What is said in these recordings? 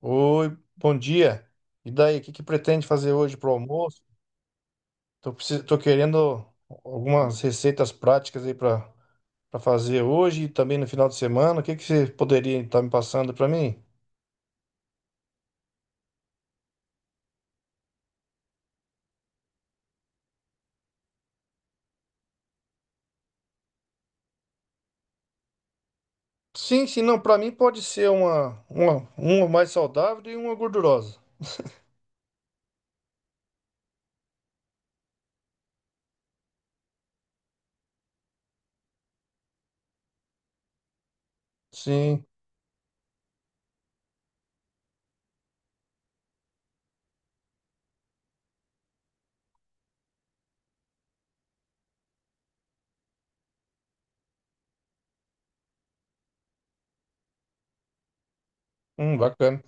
Oi, bom dia. E daí, o que que pretende fazer hoje pro almoço? Tô querendo algumas receitas práticas aí para fazer hoje e também no final de semana. O que que você poderia estar me passando para mim? Sim, sim, não, para mim pode ser uma mais saudável e uma gordurosa. Sim, bacana.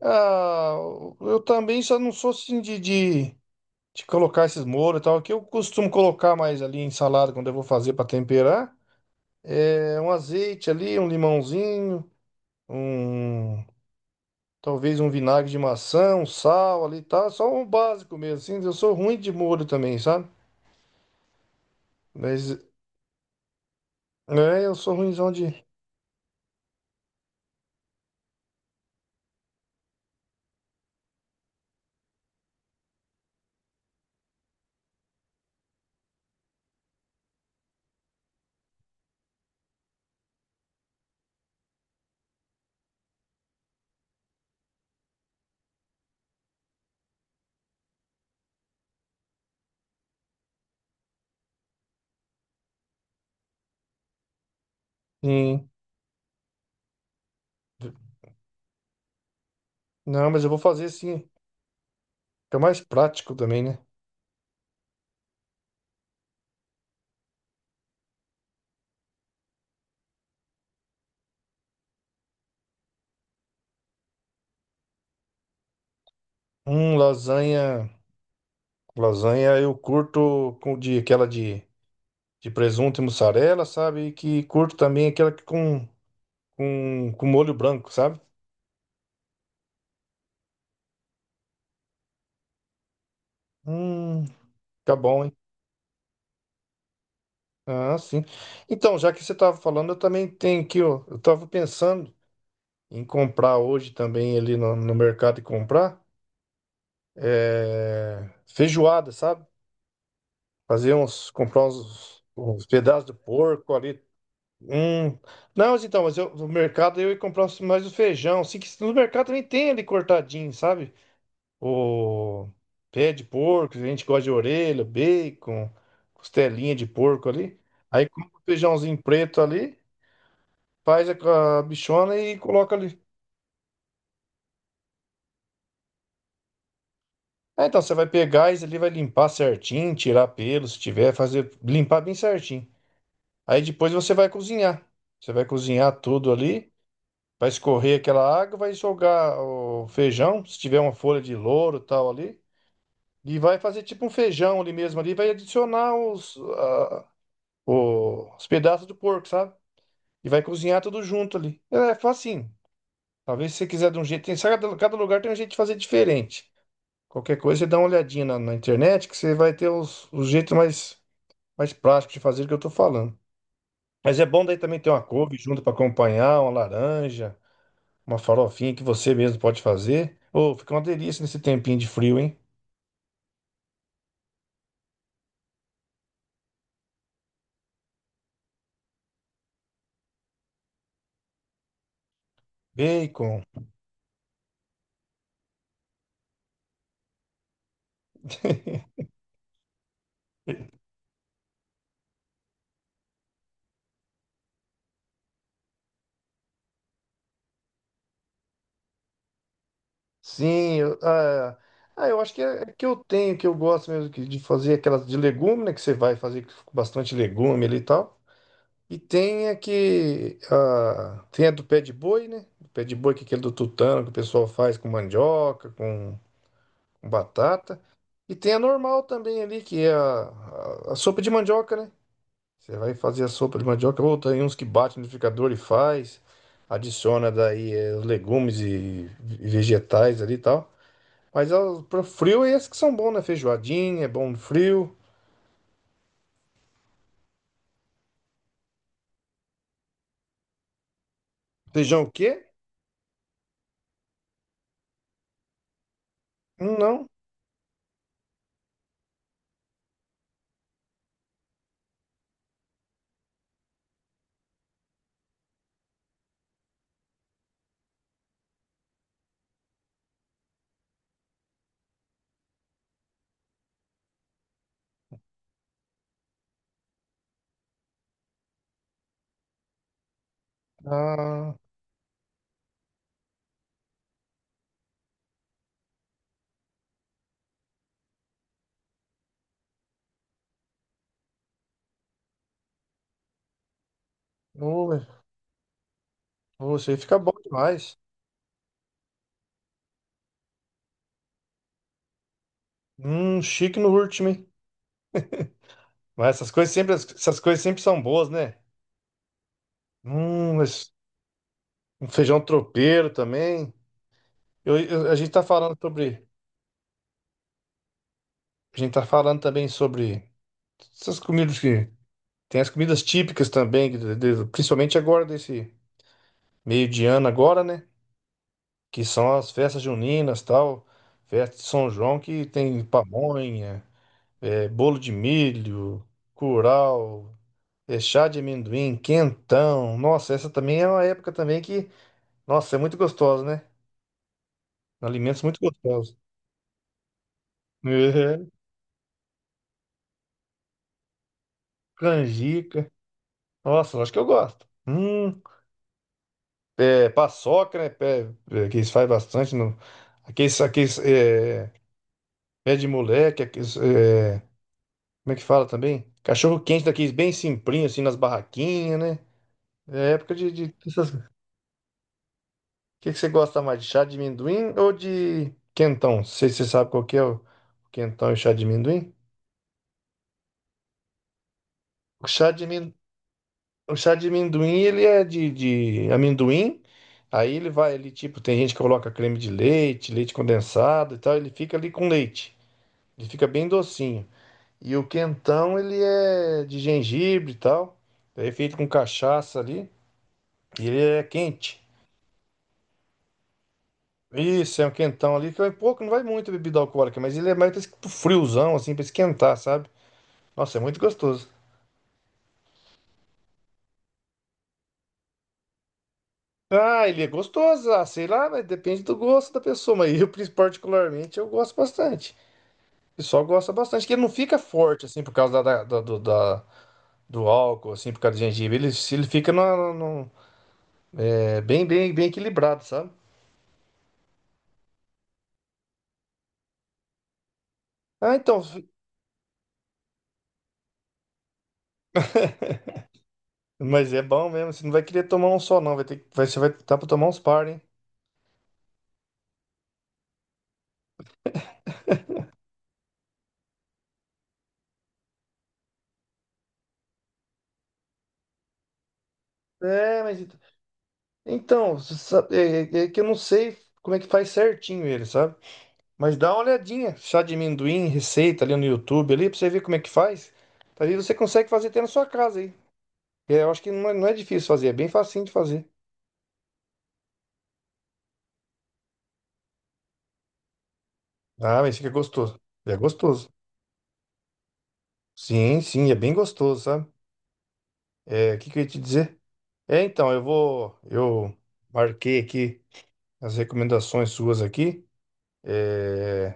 Ah, eu também só não sou assim de colocar esses molhos e tal, que eu costumo colocar mais ali em salada quando eu vou fazer para temperar. É, um azeite ali, um limãozinho, um talvez um vinagre de maçã, um sal ali, tá? Só um básico mesmo, assim. Eu sou ruim de molho também, sabe? Mas é, eu sou ruimzão de. Sim. Não, mas eu vou fazer assim. Fica mais prático também, né? Lasanha. Lasanha eu curto com de aquela de presunto e mussarela, sabe? E que curto também aquela com molho branco, sabe? Hum, fica bom, hein? Ah, sim. Então, já que você estava falando, eu também tenho aqui, ó, eu estava pensando em comprar hoje também ali no mercado e comprar é, feijoada, sabe? Fazer uns, comprar uns, uns pedaços de porco ali. Hum. Não, mas então, mas eu, no mercado eu ia mais o feijão. Assim, que no mercado também tem ali cortadinho, sabe? O pé de porco, a gente gosta de orelha, bacon, costelinha de porco ali. Aí compra o feijãozinho preto ali. Faz a bichona e coloca ali. Ah, então você vai pegar isso ali, vai limpar certinho, tirar pelo, se tiver, fazer limpar bem certinho. Aí depois você vai cozinhar. Você vai cozinhar tudo ali, vai escorrer aquela água, vai jogar o feijão, se tiver uma folha de louro e tal ali, e vai fazer tipo um feijão ali mesmo ali, vai adicionar os pedaços do porco, sabe? E vai cozinhar tudo junto ali. É facinho. Talvez se você quiser de um jeito, tem, cada lugar tem um jeito de fazer diferente. Qualquer coisa, você dá uma olhadinha na internet, que você vai ter os jeitos mais práticos de fazer o que eu tô falando. Mas é bom daí também ter uma couve junto para acompanhar, uma laranja, uma farofinha que você mesmo pode fazer. Ô, fica uma delícia nesse tempinho de frio, hein? Bacon. Sim, eu, ah, ah, eu acho que é que eu tenho, que eu gosto mesmo de fazer aquelas de legume, né? Que você vai fazer com bastante legume ali e tal. E tem tem a do pé de boi, né? O pé de boi, que é aquele do tutano que o pessoal faz com mandioca, com batata. E tem a normal também ali, que é a sopa de mandioca, né? Você vai fazer a sopa de mandioca, ou tem uns que bate no liquidificador e faz, adiciona daí os legumes e vegetais ali e tal. Mas ó, pro frio é esses que são bons, né? Feijoadinha, é bom no frio. Feijão o quê? Não. Ah, ô, ô, isso aí fica bom demais. Chique no último, hein? Mas essas coisas sempre são boas, né? Mas um feijão tropeiro também. A gente tá falando a gente tá falando também sobre essas comidas que tem as comidas típicas também, que principalmente agora desse meio de ano agora, né? Que são as festas juninas, tal, festa de São João, que tem pamonha, é, bolo de milho, curau, é, chá de amendoim, quentão. Nossa, essa também é uma época também que... Nossa, é muito gostoso, né? Alimentos muito gostosos. É, canjica. Nossa, acho que eu gosto. É, paçoca, né? Pé, é, que eles fazem bastante. No, é, pé de moleque. Aqueles, é, como é que fala também? Cachorro quente daqueles bem simplinho, assim, nas barraquinhas, né? É época de o que você gosta mais, de chá de amendoim ou de quentão? Não sei se você sabe qual que é o quentão e o chá de amendoim. O chá de amendoim... O chá de amendoim, ele é de amendoim. Aí ele vai, ele tipo, tem gente que coloca creme de leite, leite condensado e tal, ele fica ali com leite. Ele fica bem docinho. E o quentão, ele é de gengibre e tal. É feito com cachaça ali. E ele é quente. Isso, é um quentão ali, que é pouco, não vai muito bebida alcoólica, mas ele é mais pra pro friozão, assim, pra esquentar, sabe? Nossa, é muito gostoso. Ah, ele é gostoso, ah, sei lá, mas depende do gosto da pessoa, mas eu, particularmente, eu gosto bastante. O pessoal gosta bastante, que ele não fica forte, assim, por causa da, do álcool, assim, por causa do gengibre. Ele, se ele fica é, bem equilibrado, sabe? Ah, então, mas é bom mesmo. Você não vai querer tomar um só, não. Vai ter, vai, você vai estar pra tomar uns par, hein? É, mas então, você sabe, é, é que eu não sei como é que faz certinho ele, sabe? Mas dá uma olhadinha, chá de amendoim, receita ali no YouTube, ali, pra você ver como é que faz. Ali você consegue fazer até na sua casa, aí. É, eu acho que não é difícil fazer, é bem facinho de fazer. Ah, mas fica gostoso. É gostoso. Sim, sim, é bem gostoso, sabe? É, o que que eu ia te dizer? É, então, eu vou. Eu marquei aqui as recomendações suas aqui. É,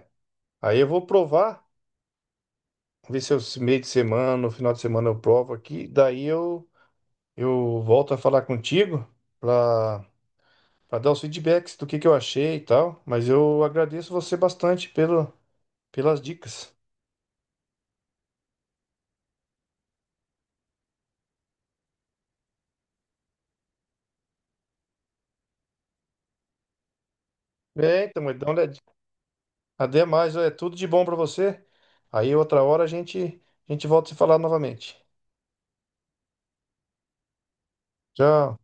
aí eu vou provar, ver se eu, esse meio de semana, no final de semana eu provo aqui. Daí eu volto a falar contigo para dar os feedbacks do que eu achei e tal. Mas eu agradeço você bastante pelas dicas. É, então, mas dá uma olhadinha. Até mais, é tudo de bom pra você. Aí outra hora a gente volta a se falar novamente. Tchau.